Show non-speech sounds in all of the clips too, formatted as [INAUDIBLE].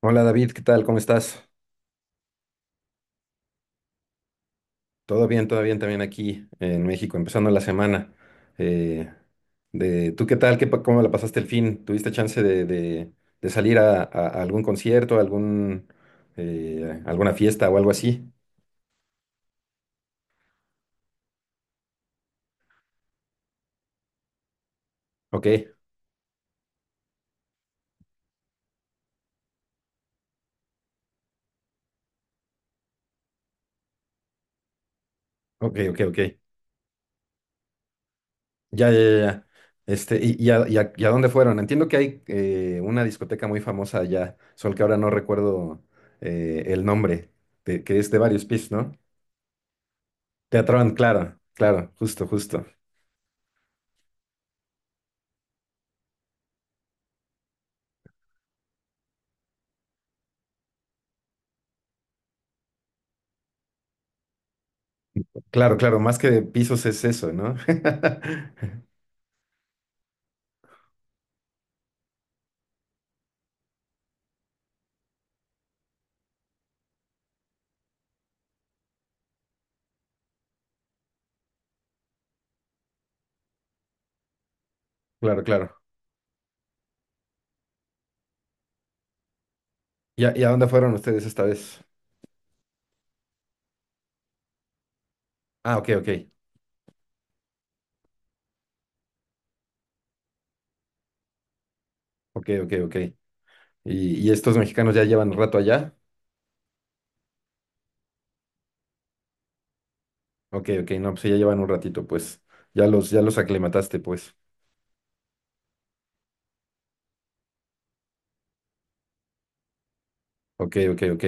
Hola David, ¿qué tal? ¿Cómo estás? Todo bien también aquí en México, empezando la semana. Eh, ¿Tú qué tal? ¿Cómo la pasaste el fin? ¿Tuviste chance de salir a algún concierto, alguna fiesta o algo así? Ok, ok, ok, ok. Ya, ya, ya, ya. ¿Y a dónde fueron? Entiendo que hay una discoteca muy famosa allá, solo que ahora no recuerdo el nombre, que es de varios pisos, ¿no? Teatrón, claro, claro, justo, justo. Claro, claro, más que de pisos es eso, ¿no? [LAUGHS] Claro, claro. ¿Y a dónde fueron ustedes esta vez? Ah, ok, ok, ok, ok, ok. ¿Y estos mexicanos ya llevan un rato allá? Ok, ok, no, pues sí, ya llevan un ratito, pues. Ya los aclimataste, pues. Ok, ok, ok.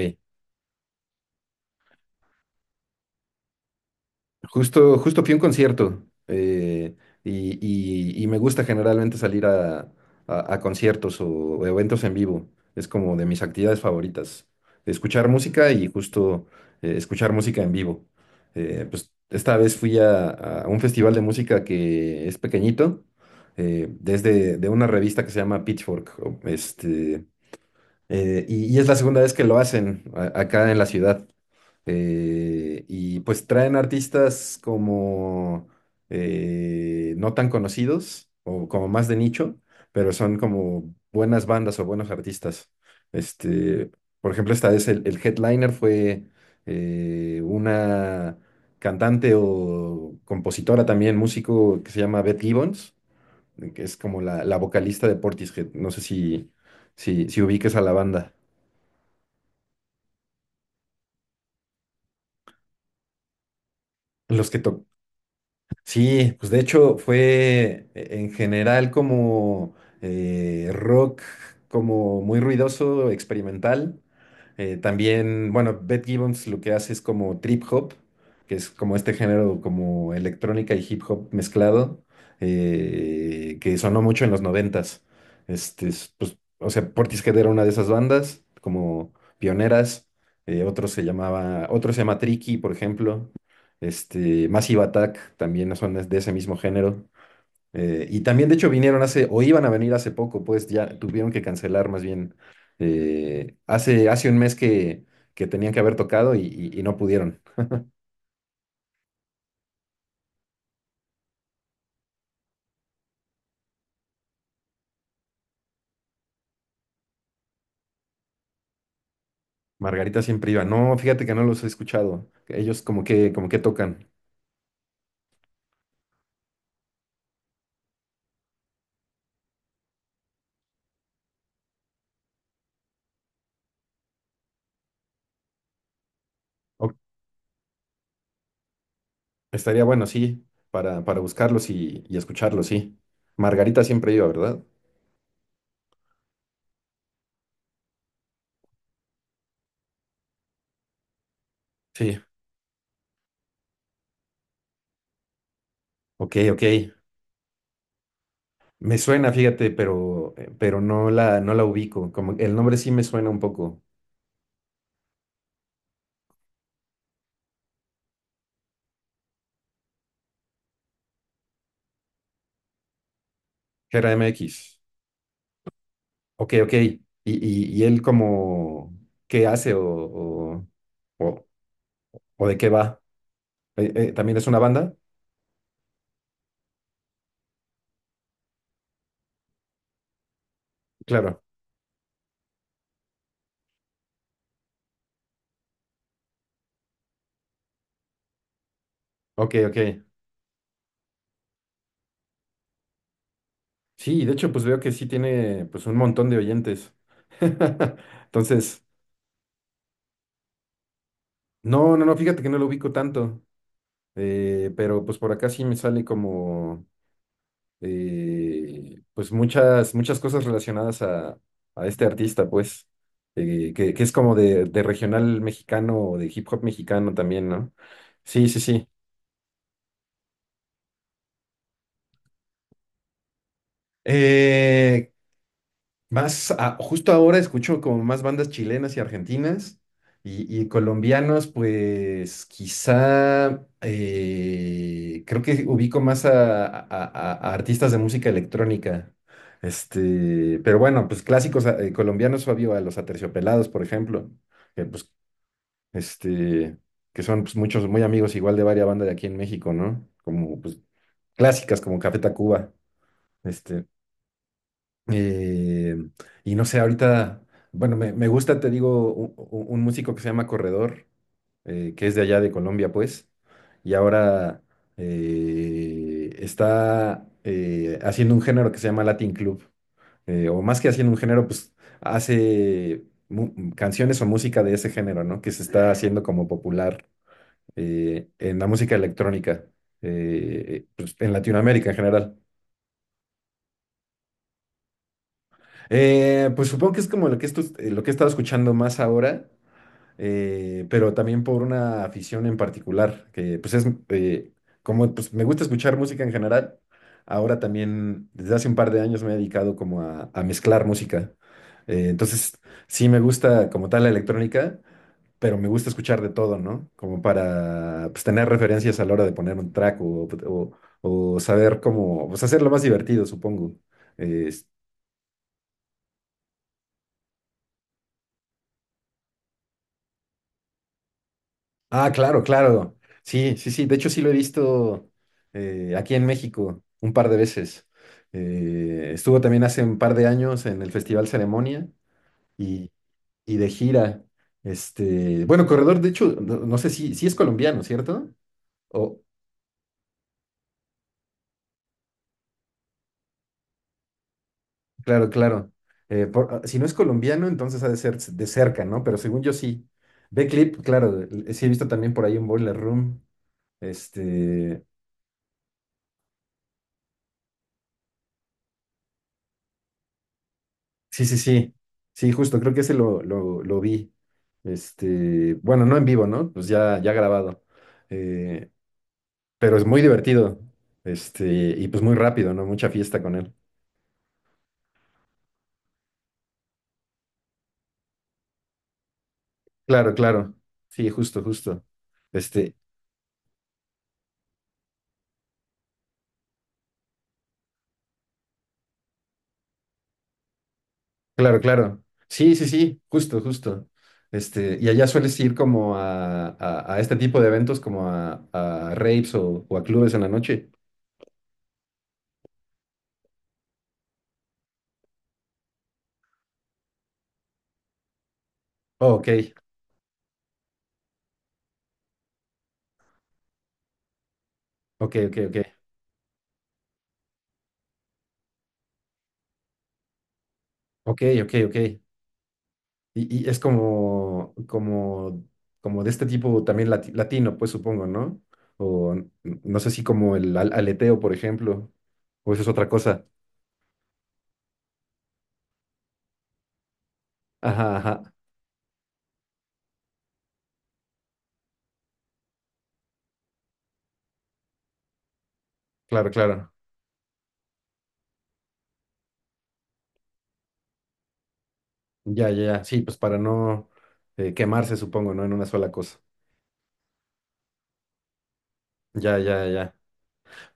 Justo, justo fui a un concierto, y, y me gusta generalmente salir a conciertos o eventos en vivo. Es como de mis actividades favoritas. Escuchar música y justo escuchar música en vivo. Pues esta vez fui a un festival de música que es pequeñito, desde de una revista que se llama Pitchfork. Y es la segunda vez que lo hacen acá en la ciudad. Y pues traen artistas como no tan conocidos o como más de nicho, pero son como buenas bandas o buenos artistas. Este, por ejemplo, esta vez el headliner fue una cantante o compositora también, músico que se llama Beth Gibbons, que es como la vocalista de Portishead. No sé si ubiques a la banda. Los que, to- Sí, pues de hecho fue en general como rock, como muy ruidoso, experimental. También, bueno, Beth Gibbons lo que hace es como trip hop, que es como este género como electrónica y hip hop mezclado, que sonó mucho en los noventas. Pues, o sea, Portishead era una de esas bandas, como pioneras. Otro se llama Tricky, por ejemplo. Massive Attack también son de ese mismo género. Y también, de hecho, vinieron hace, o iban a venir hace poco, pues ya tuvieron que cancelar más bien. Hace un mes que tenían que haber tocado y no pudieron. Margarita siempre iba. No, fíjate que no los he escuchado. Ellos como que tocan. O- Estaría bueno, sí, para buscarlos y escucharlos, sí. Margarita siempre iba, ¿verdad? Sí. Ok, ok. Me suena, fíjate, pero no la ubico. Como el nombre sí me suena un poco. Gera MX. Ok, ok. ¿Y él como qué hace o- o de qué va? ¿También es una banda? Claro. Ok, ok. Sí, de hecho, pues veo que sí tiene pues un montón de oyentes. [LAUGHS] Entonces, no, no, no, fíjate que no lo ubico tanto. Pero pues por acá sí me sale como. Pues muchas cosas relacionadas a este artista, pues, que es como de regional mexicano o de hip hop mexicano también, ¿no? Sí, sí, sí. Eh, Más, justo ahora escucho como más bandas chilenas y argentinas y colombianos, pues quizá creo que ubico más a artistas de música electrónica. Pero bueno, pues clásicos colombianos, Fabio, a los Aterciopelados, por ejemplo, que pues, este, que son pues, muchos muy amigos igual de varias bandas de aquí en México, ¿no? Como pues clásicas como Café Tacuba. Este, eh, y no sé, ahorita, bueno, me gusta, te digo, un, músico que se llama Corredor, que es de allá de Colombia, pues, y ahora está haciendo un género que se llama Latin Club, o más que haciendo un género, pues hace canciones o música de ese género, ¿no? Que se está haciendo como popular en la música electrónica, pues, en Latinoamérica en general. Pues supongo que es como lo que he estado escuchando más ahora, pero también por una afición en particular, que pues es, como pues, me gusta escuchar música en general, ahora también desde hace un par de años me he dedicado como a mezclar música. Entonces sí me gusta como tal la electrónica, pero me gusta escuchar de todo, ¿no? Como para pues, tener referencias a la hora de poner un track o saber cómo, pues hacerlo más divertido, supongo. Ah, claro, claro. Sí, sí, sí. De hecho, sí lo he visto aquí en México un par de veces. Estuvo también hace un par de años en el Festival Ceremonia y, y de gira. Bueno, Corredor, de hecho, no, no sé si es colombiano, ¿cierto? O, claro, claro. Si no es colombiano, entonces ha de ser de cerca, ¿no? Pero según yo sí. Clip, claro, sí he visto también por ahí un Boiler Room. Este. Sí, sí, sí. Sí, justo, creo que ese lo vi. Bueno, no en vivo, ¿no? Pues ya grabado. Eh, pero es muy divertido. Este, y pues muy rápido, ¿no? Mucha fiesta con él. Claro, claro. Sí, justo, justo. Este, claro, claro. Sí, sí, sí, justo, justo. ¿Y allá sueles ir como a este tipo de eventos, como a raves o a clubes en la noche? Oh, ok, ok, ok, ok. Ok, ok, ok. Y es como, de este tipo también latino, pues supongo, ¿no? O no sé si, como el aleteo, por ejemplo, o eso es otra cosa. Ajá, ajá, claro, claro. Ya, ya, ya. Sí, pues para no quemarse, supongo, ¿no? En una sola cosa. Ya, ya, ya.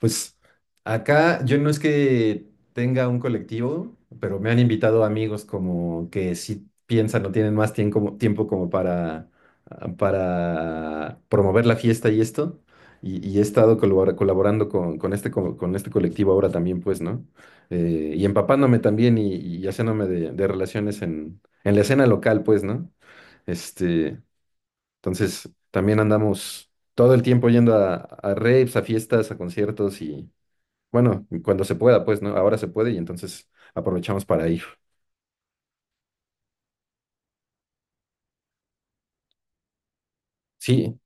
Pues acá yo no es que tenga un colectivo, pero me han invitado amigos como que sí piensan o tienen más tiempo como para promover la fiesta y esto. Y he estado colaborando con este colectivo ahora también, pues, ¿no? Y empapándome también y haciéndome de relaciones en la escena local, pues, ¿no? Este, entonces, también andamos todo el tiempo yendo a raves, a fiestas, a conciertos bueno, cuando se pueda, pues, ¿no? Ahora se puede y entonces aprovechamos para ir. Sí,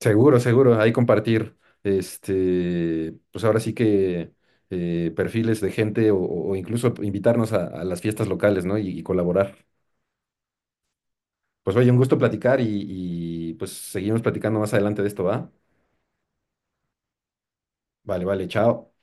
seguro, seguro. Ahí compartir, pues ahora sí que perfiles de gente o incluso invitarnos a las fiestas locales, ¿no? Y colaborar. Pues oye, un gusto platicar y pues seguimos platicando más adelante de esto, ¿va? Vale, vale, chao.